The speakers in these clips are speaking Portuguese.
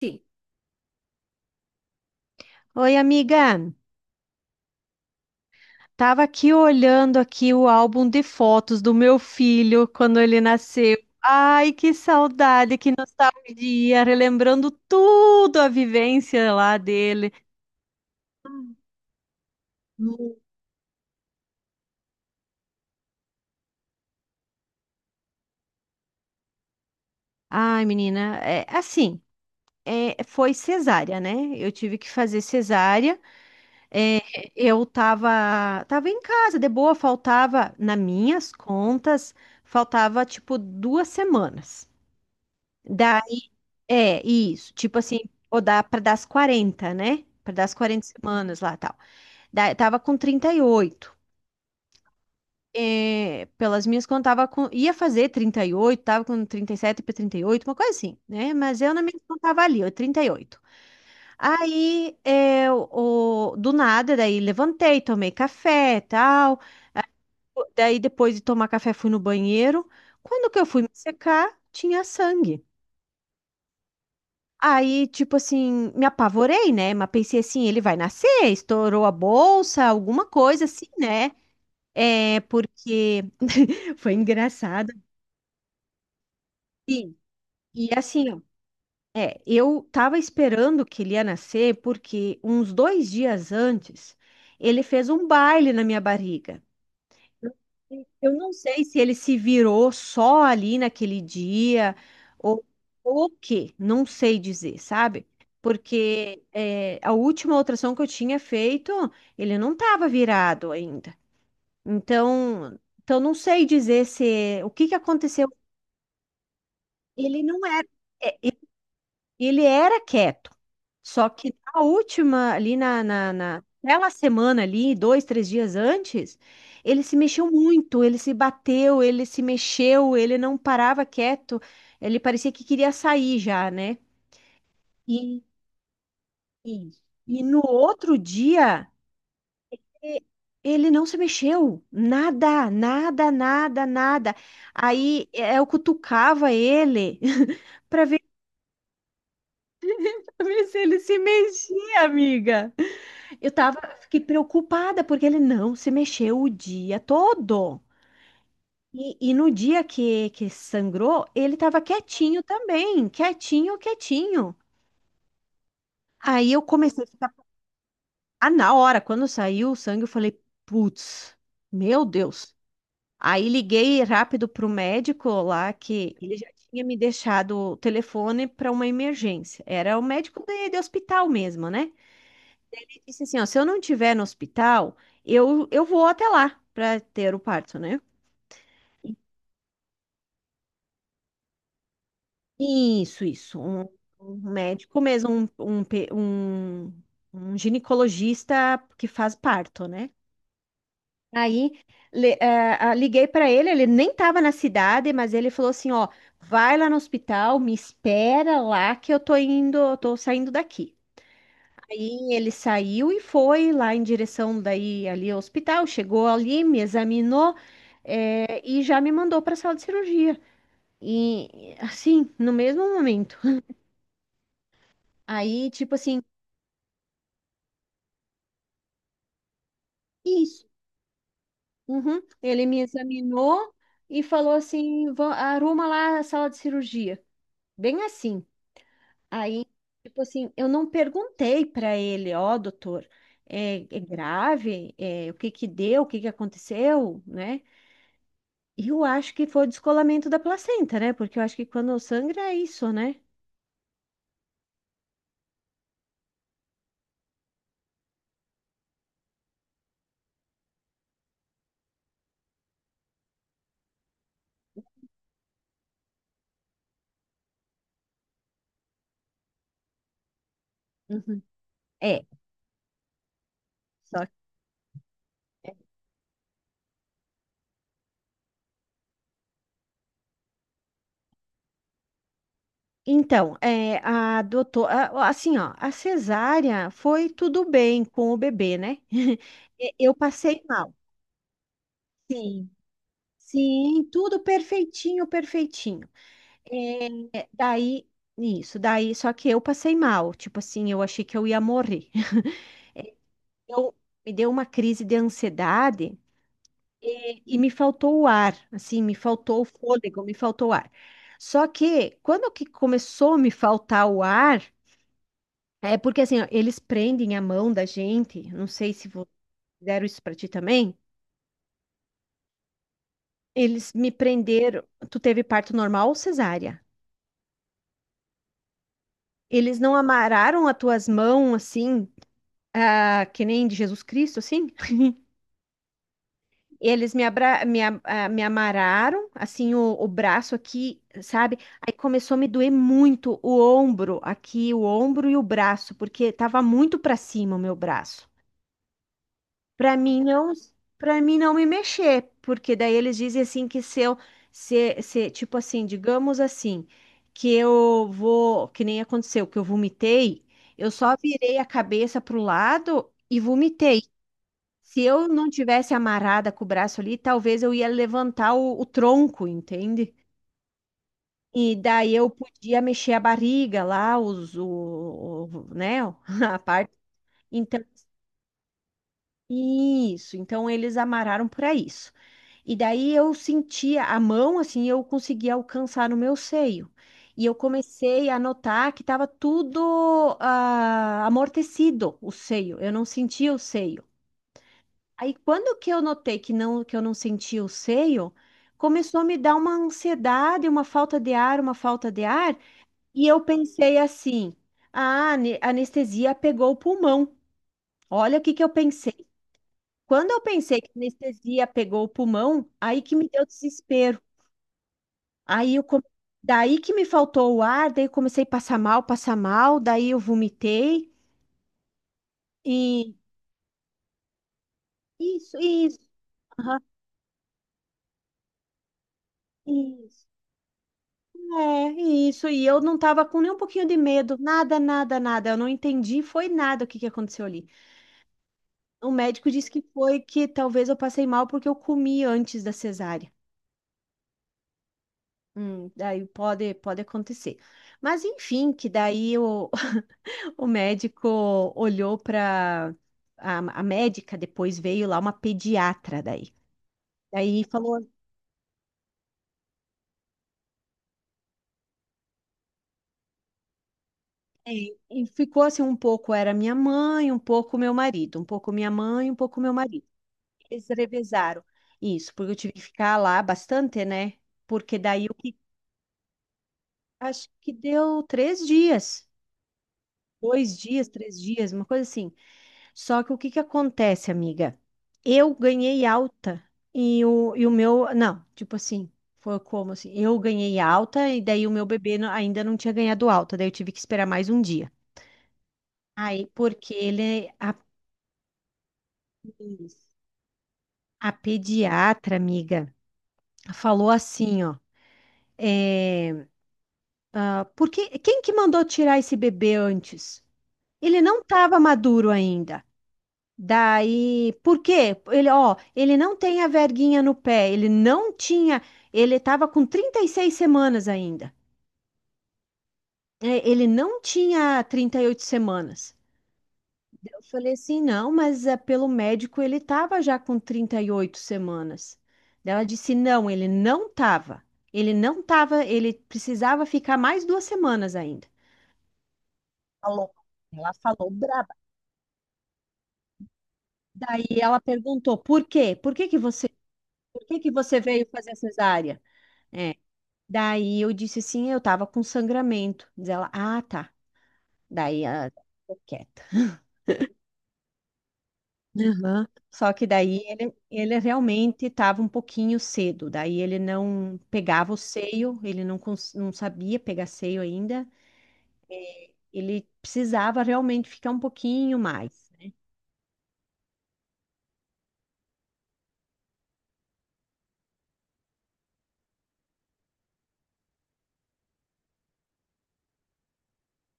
Sim. Oi, amiga. Tava aqui olhando aqui o álbum de fotos do meu filho quando ele nasceu. Ai, que saudade, que nostalgia, relembrando tudo a vivência lá dele. Hum. Ai, menina, é assim, foi cesárea, né? Eu tive que fazer cesárea. é, eu tava em casa, de boa, faltava, nas minhas contas, faltava tipo duas semanas. Daí É, isso. Tipo assim, ou dá para dar as 40, né? Para dar as 40 semanas lá, tal. Tava com 38. É, pelas minhas contas, tava com, ia fazer 38, tava com 37 para 38, uma coisa assim, né? Mas eu na minha conta tava ali, ó, 38. Aí, é, do nada, daí levantei, tomei café, tal. Daí, depois de tomar café, fui no banheiro. Quando que eu fui me secar, tinha sangue. Aí, tipo assim, me apavorei, né? Mas pensei assim, ele vai nascer, estourou a bolsa, alguma coisa assim, né? É, porque foi engraçado. Sim. E assim, ó, é, eu tava esperando que ele ia nascer porque uns dois dias antes ele fez um baile na minha barriga. Eu não sei se ele se virou só ali naquele dia ou o quê, não sei dizer, sabe? Porque é, a última ultrassom que eu tinha feito, ele não estava virado ainda. Então, não sei dizer se o que que aconteceu. Ele não era. eh, Ele era quieto, só que na última, ali na, na, na- naquela semana ali, dois, três dias antes, ele se mexeu muito, ele se bateu, ele se mexeu, ele não parava quieto, ele parecia que queria sair já, né? E, e, e no outro dia, e- ele não se mexeu, nada, nada, nada, nada. Aí eu cutucava ele para ver se ele se mexia, amiga. Fiquei preocupada porque ele não se mexeu o dia todo. No dia que sangrou, ele tava quietinho também, quietinho, quietinho. Aí eu comecei a ficar. Ah, na hora, quando saiu o sangue, eu falei, putz, meu Deus. Aí liguei rápido pro médico lá, que ele já tinha me deixado o telefone para uma emergência. Era o médico de hospital mesmo, né? Disse assim, ó, se eu não tiver no hospital, eu vou até lá para ter o parto, né? Isso, isso. Um médico mesmo, um, pe- um, um ginecologista que faz parto, né? Aí liguei para ele, ele nem estava na cidade, mas ele falou assim, ó, vai lá no hospital, me espera lá que eu tô indo, eu tô saindo daqui. Aí ele saiu e foi lá em direção daí ali ao hospital, chegou ali, me examinou, e já me mandou para a sala de cirurgia. E assim, no mesmo momento. Aí, tipo assim, isso. Uhum, ele me examinou e falou assim: "Vã- arruma lá a sala de cirurgia. Bem assim. Aí, tipo assim, eu não perguntei para ele, ó, doutor, é grave? É, o que que deu? O que que aconteceu? Né? Eu acho que foi o descolamento da placenta, né? Porque eu acho que quando sangra é isso, né? Uhum. É. Só que- Então, é, assim, ó, a cesárea foi tudo bem com o bebê, né? Eu passei mal. Sim, sim, tudo perfeitinho, perfeitinho. É, daí, isso, daí, só que eu passei mal. Tipo assim, eu achei que eu ia morrer. Eu me deu uma crise de ansiedade. E me faltou o ar, assim, me faltou o fôlego, me faltou o ar. Só que quando que começou a me faltar o ar, é porque assim, ó, eles prendem a mão da gente, não sei se fizeram isso pra ti também. Eles me prenderam, tu teve parto normal ou cesárea? Eles não amarraram as tuas mãos assim, ah, que nem de Jesus Cristo, assim? Eles me, abra... me, a- ah, Me amarraram, assim, o braço aqui, sabe? Aí começou a me doer muito o ombro aqui, o ombro e o braço, porque tava muito pra cima o meu braço. Pra mim não, para mim não me mexer, porque daí eles dizem assim que se eu, se, tipo assim, digamos assim, que eu vou, que nem aconteceu, que eu vomitei, eu só virei a cabeça pro lado e vomitei. Se eu não tivesse amarrada com o braço ali, talvez eu ia levantar o tronco, entende? E daí eu podia mexer a barriga lá, né, a parte. Então, isso. Então eles amarraram para isso. E daí eu sentia a mão assim, eu conseguia alcançar no meu seio. E eu comecei a notar que estava tudo amortecido, o seio. Eu não sentia o seio. Aí quando que eu notei que eu não sentia o seio, começou a me dar uma ansiedade, uma falta de ar, e eu pensei assim: "Ah, a anestesia pegou o pulmão". Olha o que que eu pensei. Quando eu pensei que a anestesia pegou o pulmão, aí que me deu desespero. Aí eu come- Daí que me faltou o ar, daí eu comecei a passar mal, daí eu vomitei e isso, aham, isso. É, isso. E eu não tava com nem um pouquinho de medo, nada, nada, nada. Eu não entendi, foi nada o que que aconteceu ali. O médico disse que foi que talvez eu passei mal porque eu comi antes da cesárea. Daí pode, pode acontecer. Mas enfim, que daí o médico olhou para a médica, depois veio lá uma pediatra daí. Daí falou, é, e ficou assim um pouco era minha mãe, um pouco meu marido, um pouco minha mãe, um pouco meu marido. Eles revezaram. Isso, porque eu tive que ficar lá bastante, né? Porque daí o que acho que deu três dias, dois dias, três dias, uma coisa assim. Só que o que que acontece, amiga? Eu ganhei alta e o meu. Não, tipo assim, foi como assim? Eu ganhei alta e daí o meu bebê ainda não tinha ganhado alta, daí eu tive que esperar mais um dia. Aí, porque ele, a pediatra, amiga, falou assim, ó. eh, Ah, porque quem que mandou tirar esse bebê antes? Ele não estava maduro ainda. Daí, por quê? Ele, ó, ele não tem a verguinha no pé, ele não tinha, ele estava com 36 semanas ainda. É, ele não tinha 38 semanas. Eu falei assim, não, mas é, pelo médico ele estava já com 38 semanas. Daí ela disse, não, ele não estava. Ele não estava, ele precisava ficar mais duas semanas ainda. Falou. Ela falou brabo. Daí ela perguntou, por quê? Por que que você veio fazer cesárea? É. Daí eu disse assim, eu tava com sangramento. Diz ela, ah, tá. Daí ela ficou quieta. Aham. Só que daí ele realmente estava um pouquinho cedo. Daí ele não pegava o seio, ele não, cons- não sabia pegar seio ainda. É, ele precisava realmente ficar um pouquinho mais.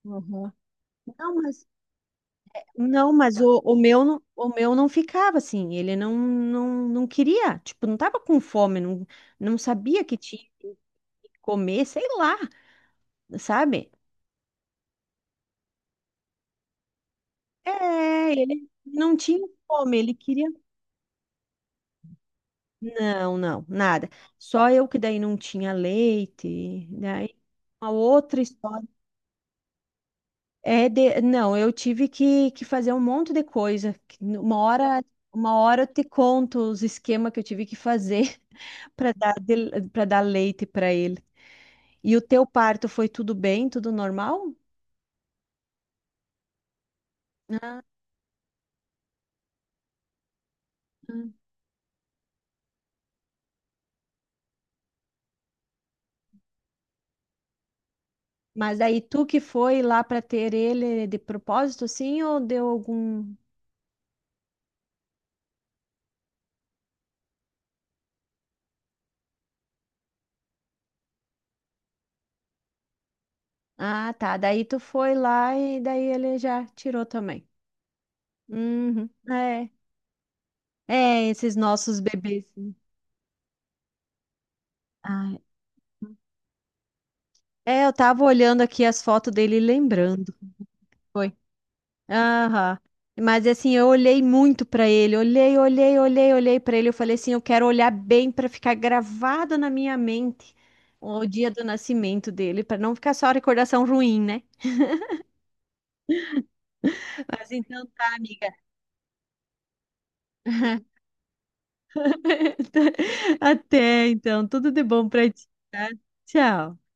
Aham. Não, mas Não, mas o meu, o meu não ficava assim, ele não, não, não queria, tipo, não tava com fome, não, não sabia que tinha que comer, sei lá, sabe? É, ele não tinha fome, ele queria. Não, não, nada. Só eu que daí não tinha leite, daí uma outra história. É de... Não, eu tive que fazer um monte de coisa. Que Uma hora, eu te conto os esquemas que eu tive que fazer para dar, para dar leite para ele. E o teu parto foi tudo bem, tudo normal? Hum. Mas daí tu que foi lá para ter ele de propósito, sim, ou deu algum. Ah, tá. Daí tu foi lá e daí ele já tirou também. Uhum. É. É, esses nossos bebês. Né? Ah, é, eu tava olhando aqui as fotos dele e lembrando. Foi. Aham. Mas assim, eu olhei muito pra ele, olhei, olhei, olhei, olhei pra ele. Eu falei assim, eu quero olhar bem pra ficar gravado na minha mente o dia do nascimento dele, pra não ficar só recordação ruim, né? Mas então tá, amiga. Até então, tudo de bom pra ti, tá? Tchau.